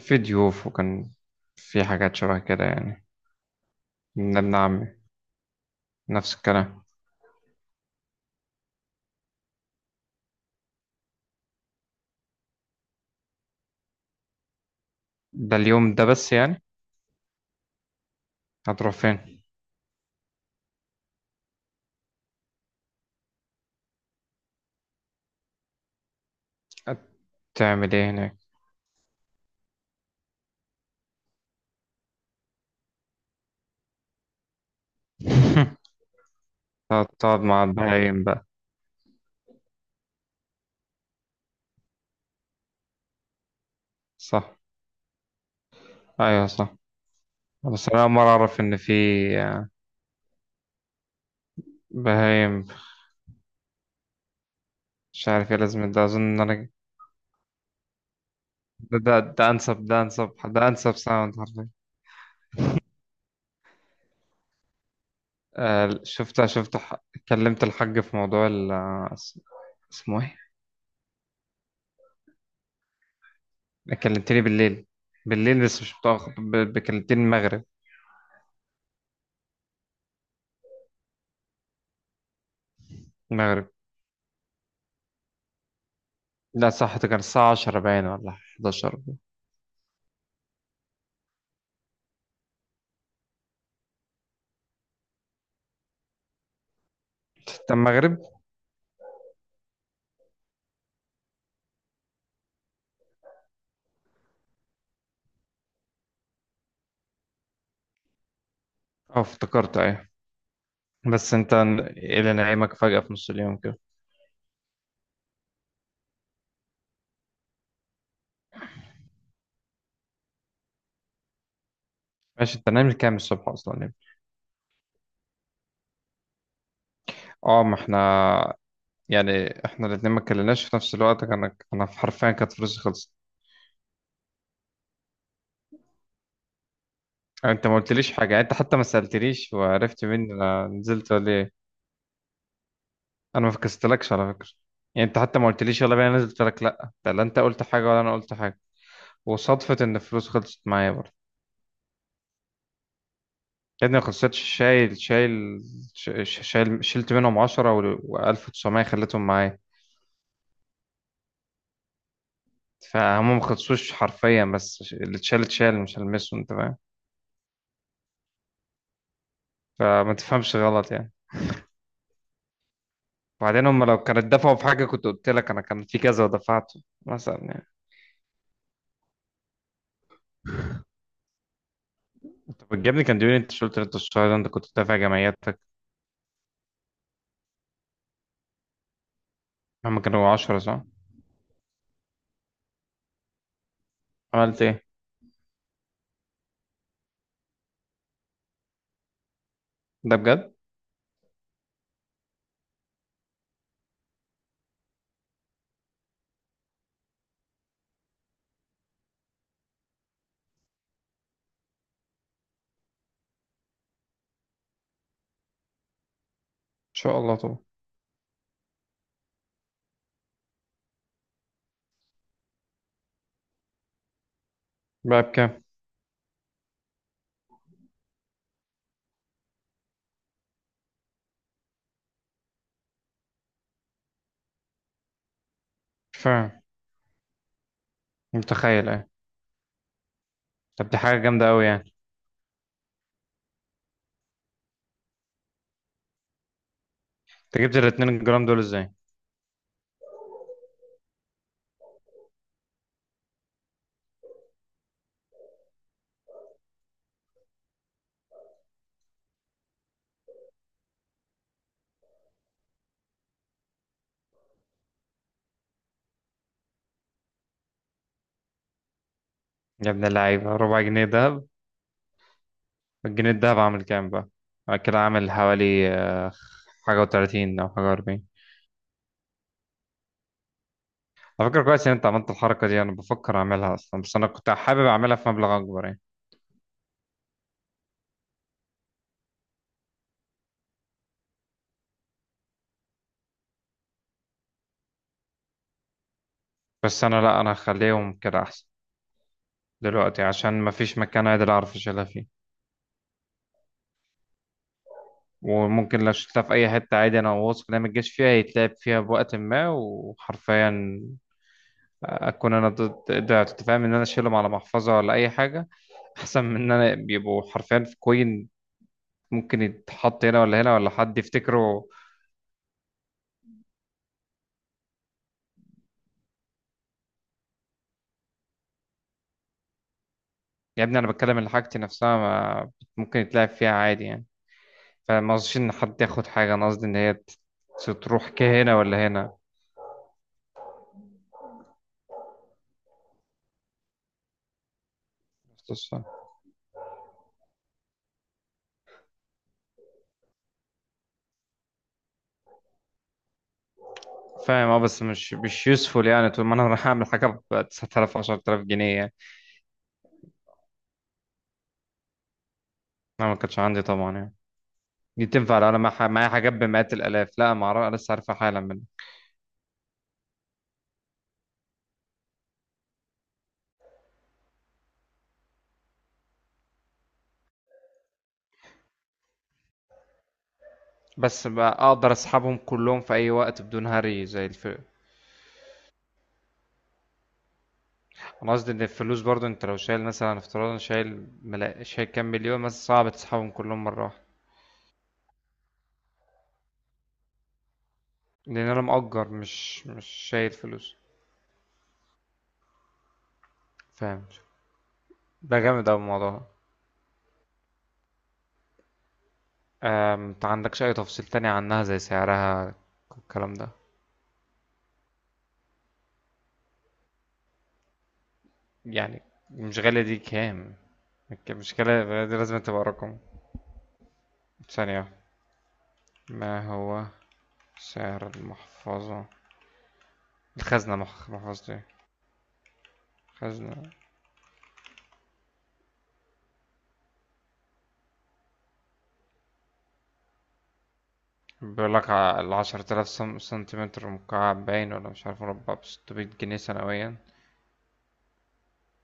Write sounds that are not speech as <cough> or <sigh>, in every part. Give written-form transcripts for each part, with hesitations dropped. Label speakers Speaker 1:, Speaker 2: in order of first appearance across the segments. Speaker 1: في ضيوف، وكان في حاجات شبه كده يعني. من ابن عمي، نفس الكلام. ده اليوم ده بس يعني. هتروح فين؟ هتعمل ايه هناك؟ <laughs> هتقعد مع البهايم بقى؟ صح. ايوه صح. بس انا اول مره اعرف ان في بهايم. مش عارف ايه لازم، ده اظن ان انا ده انسب ده انسب ده انسب ساوند حرفيا. آه، كلمت الحاج في موضوع ال اسمه ايه. كلمتني بالليل. بالليل بس مش متأخر، كلمتني المغرب. المغرب، لا صح، ده كان الساعة 10 باين ولا 11 ده. المغرب. اه، افتكرت ايه؟ بس انت، ايه اللي نعيمك فجأة في نص اليوم كده؟ ماشي، انت نايم كام الصبح اصلا يعني؟ اه ما احنا، يعني احنا الاتنين ما اتكلمناش في نفس الوقت، كان انا حرفيا كانت فلوسي خلصت. يعني انت ما قلتليش حاجة، يعني انت حتى ما سألتليش وعرفت مني انا نزلت ولا ايه. انا ما فكستلكش على فكرة. يعني انت حتى ما قلتليش يلا بينا نزلت لك. لا ده، لا انت قلت حاجة ولا انا قلت حاجة. وصدفة إن الفلوس خلصت معايا برضه. يا ابني ما خلصتش، شايل شلت منهم عشرة وألف وتسعمية خليتهم معايا. فهم ما خلصوش حرفيا، بس اللي اتشال اتشال مش هلمسه، أنت فاهم. فما تفهمش غلط يعني. وبعدين هم لو كانت دفعوا في حاجة كنت قلت لك أنا كان في كذا ودفعته مثلا يعني. أنت بتجيبني كان ديوني أنت شلت، أنت الشهر ده أنت كنت دافع جمعياتك. هم كانوا 10 صح؟ عملت إيه؟ ده بجد؟ إن شاء الله طبعا. بقى بكام؟ مش فاهم. متخيل إيه؟ طب دي حاجة جامدة أوي يعني. انت جبت ال 2 جرام دول ازاي؟ يا ابن اللعيبة، ربع جنيه دهب؟ الجنيه الدهب عامل كام بقى؟ بعد كده عامل حوالي حاجة و30 أو حاجة و40. على فكرة كويس إن أنت عملت الحركة دي. أنا بفكر أعملها أصلا، بس أنا كنت حابب أعملها في مبلغ أكبر يعني. بس أنا لأ، أنا هخليهم كده أحسن دلوقتي عشان مفيش مكان عادل أعرف أشيلها فيه. وممكن لو شلتها في أي حتة عادي، أنا واثق إنها متجاش فيها يتلعب فيها بوقت ما، وحرفيا اكون انا ضد ده. فاهم ان انا اشيلهم على محفظه ولا اي حاجه احسن من ان انا بيبقوا حرفيا في كوين ممكن يتحط هنا ولا هنا ولا حد يفتكره. يا ابني انا بتكلم اللي حاجتي نفسها، ما ممكن يتلعب فيها عادي يعني. فما اظنش ان حد ياخد حاجه، انا قصدي ان هي تروح كهنا ولا هنا. فاهم اه، بس مش يوسفول يعني، طول ما انا <laughs> رايح اعمل حاجه ب 9000 10000 جنيه يعني. ما كانش عندي طبعا يعني. دي تنفع لو انا معايا حاجات بمئات الالاف. لا ما اعرف، لسه عارفها حالا. بس بقى اقدر اسحبهم كلهم في اي وقت بدون هري زي الف. انا قصدي ان الفلوس برضو، انت لو شايل مثلا افتراضا شايل شايل كام مليون مثلا صعب تسحبهم كلهم مرة واحدة. لان انا مأجر، مش شايل فلوس. فاهم. ده جامد اوي الموضوع ده. انت عندكش اي تفصيل تاني عنها زي سعرها الكلام ده؟ يعني مش غالية دي كام؟ مش غالية دي لازم تبقى رقم. ثانية. ما هو سعر المحفظة الخزنة محفظتي خزنة. بيقول لك العشرة آلاف سنتيمتر مكعب باين، ولا مش عارف مربع، بستمية جنيه سنويا.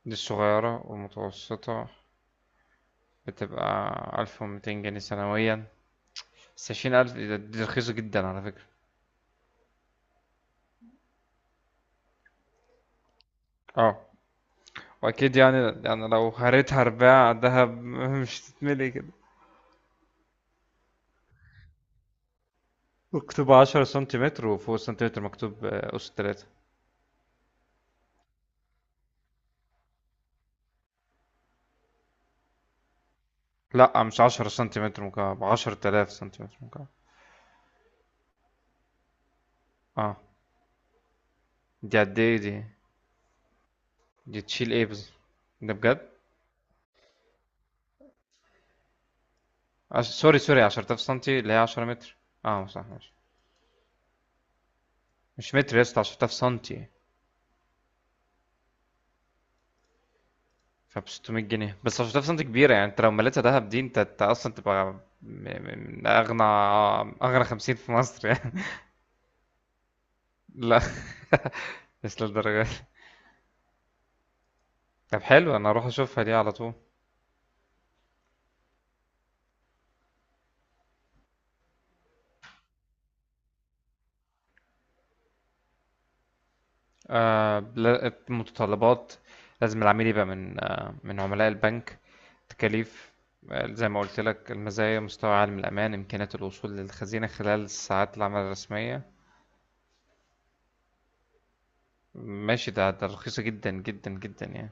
Speaker 1: دي الصغيرة. والمتوسطة بتبقى 1200 جنيه سنويا. بس 20000 دي رخيصة جدا على فكرة. اه وأكيد يعني. يعني لو هريتها أرباع دهب <laughs> مش تتملي كده. مكتوب عشرة سنتيمتر وفوق السنتيمتر مكتوب أس تلاتة. لأ مش عشرة سنتيمتر مكعب، 10000 سنتيمتر مكعب. اه. دي قد ايه دي؟ دي تشيل ايه ده بجد؟ سوري سوري، 10000 سنتي اللي هي 10 متر. اه صح ماشي. مش متر يا اسطى، 10000 سنتي. فب 600 جنيه بس، 10000 سنتي كبيره يعني. انت لو مليتها دهب دي، انت اصلا تبقى من اغنى 50 في مصر يعني. <laughs> لا. <laughs> مش للدرجه دي. طب حلو، انا اروح اشوفها دي على طول. آه، متطلبات. لازم العميل يبقى من عملاء البنك. تكاليف. زي ما قلت لك المزايا: مستوى عالي من الأمان، إمكانية الوصول للخزينة خلال ساعات العمل الرسمية. ماشي، ده رخيصة جدا جدا جدا يعني.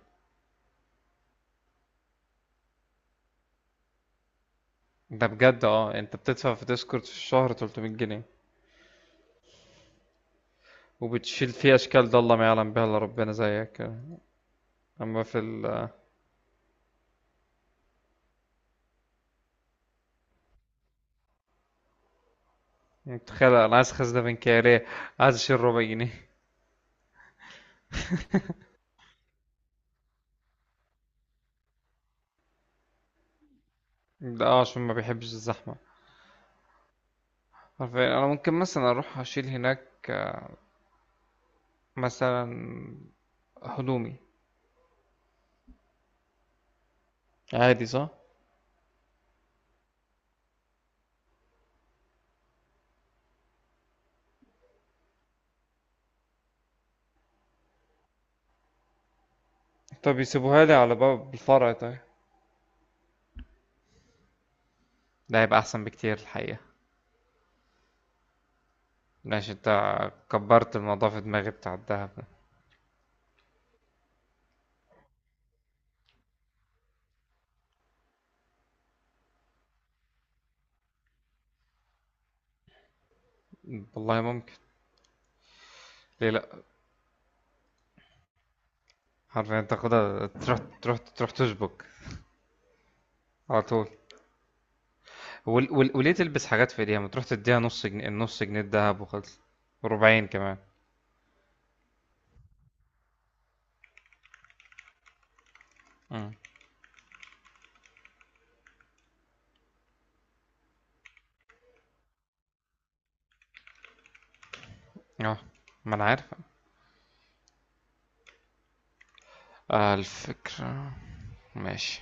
Speaker 1: ده بجد؟ اه انت بتدفع في ديسكورد في الشهر 300 جنيه وبتشيل فيه اشكال ده الله ما يعلم بها الا ربنا زيك. اما في ال. متخيل انا عايز خزنة بنكارية، عايز اشيل ربع جنيه. ده عشان ما بيحبش الزحمة. عارفين، انا ممكن مثلا اروح اشيل هناك مثلا هدومي، عادي صح؟ طب يسيبوها لي على باب الفرع طيب. ده هيبقى احسن بكتير الحقيقة. ماشي انت. كبرت الموضوع في دماغي بتاع الدهب ده. والله ممكن. ليه لا؟ حرفيا تاخدها تروح تروح تروح تشبك على طول. وليه تلبس حاجات في ايديها ما تروح تديها نص جنيه، النص جنيه الدهب وخلص. ربعين كمان. امم. اه ما انا عارف. آه الفكرة. ماشي.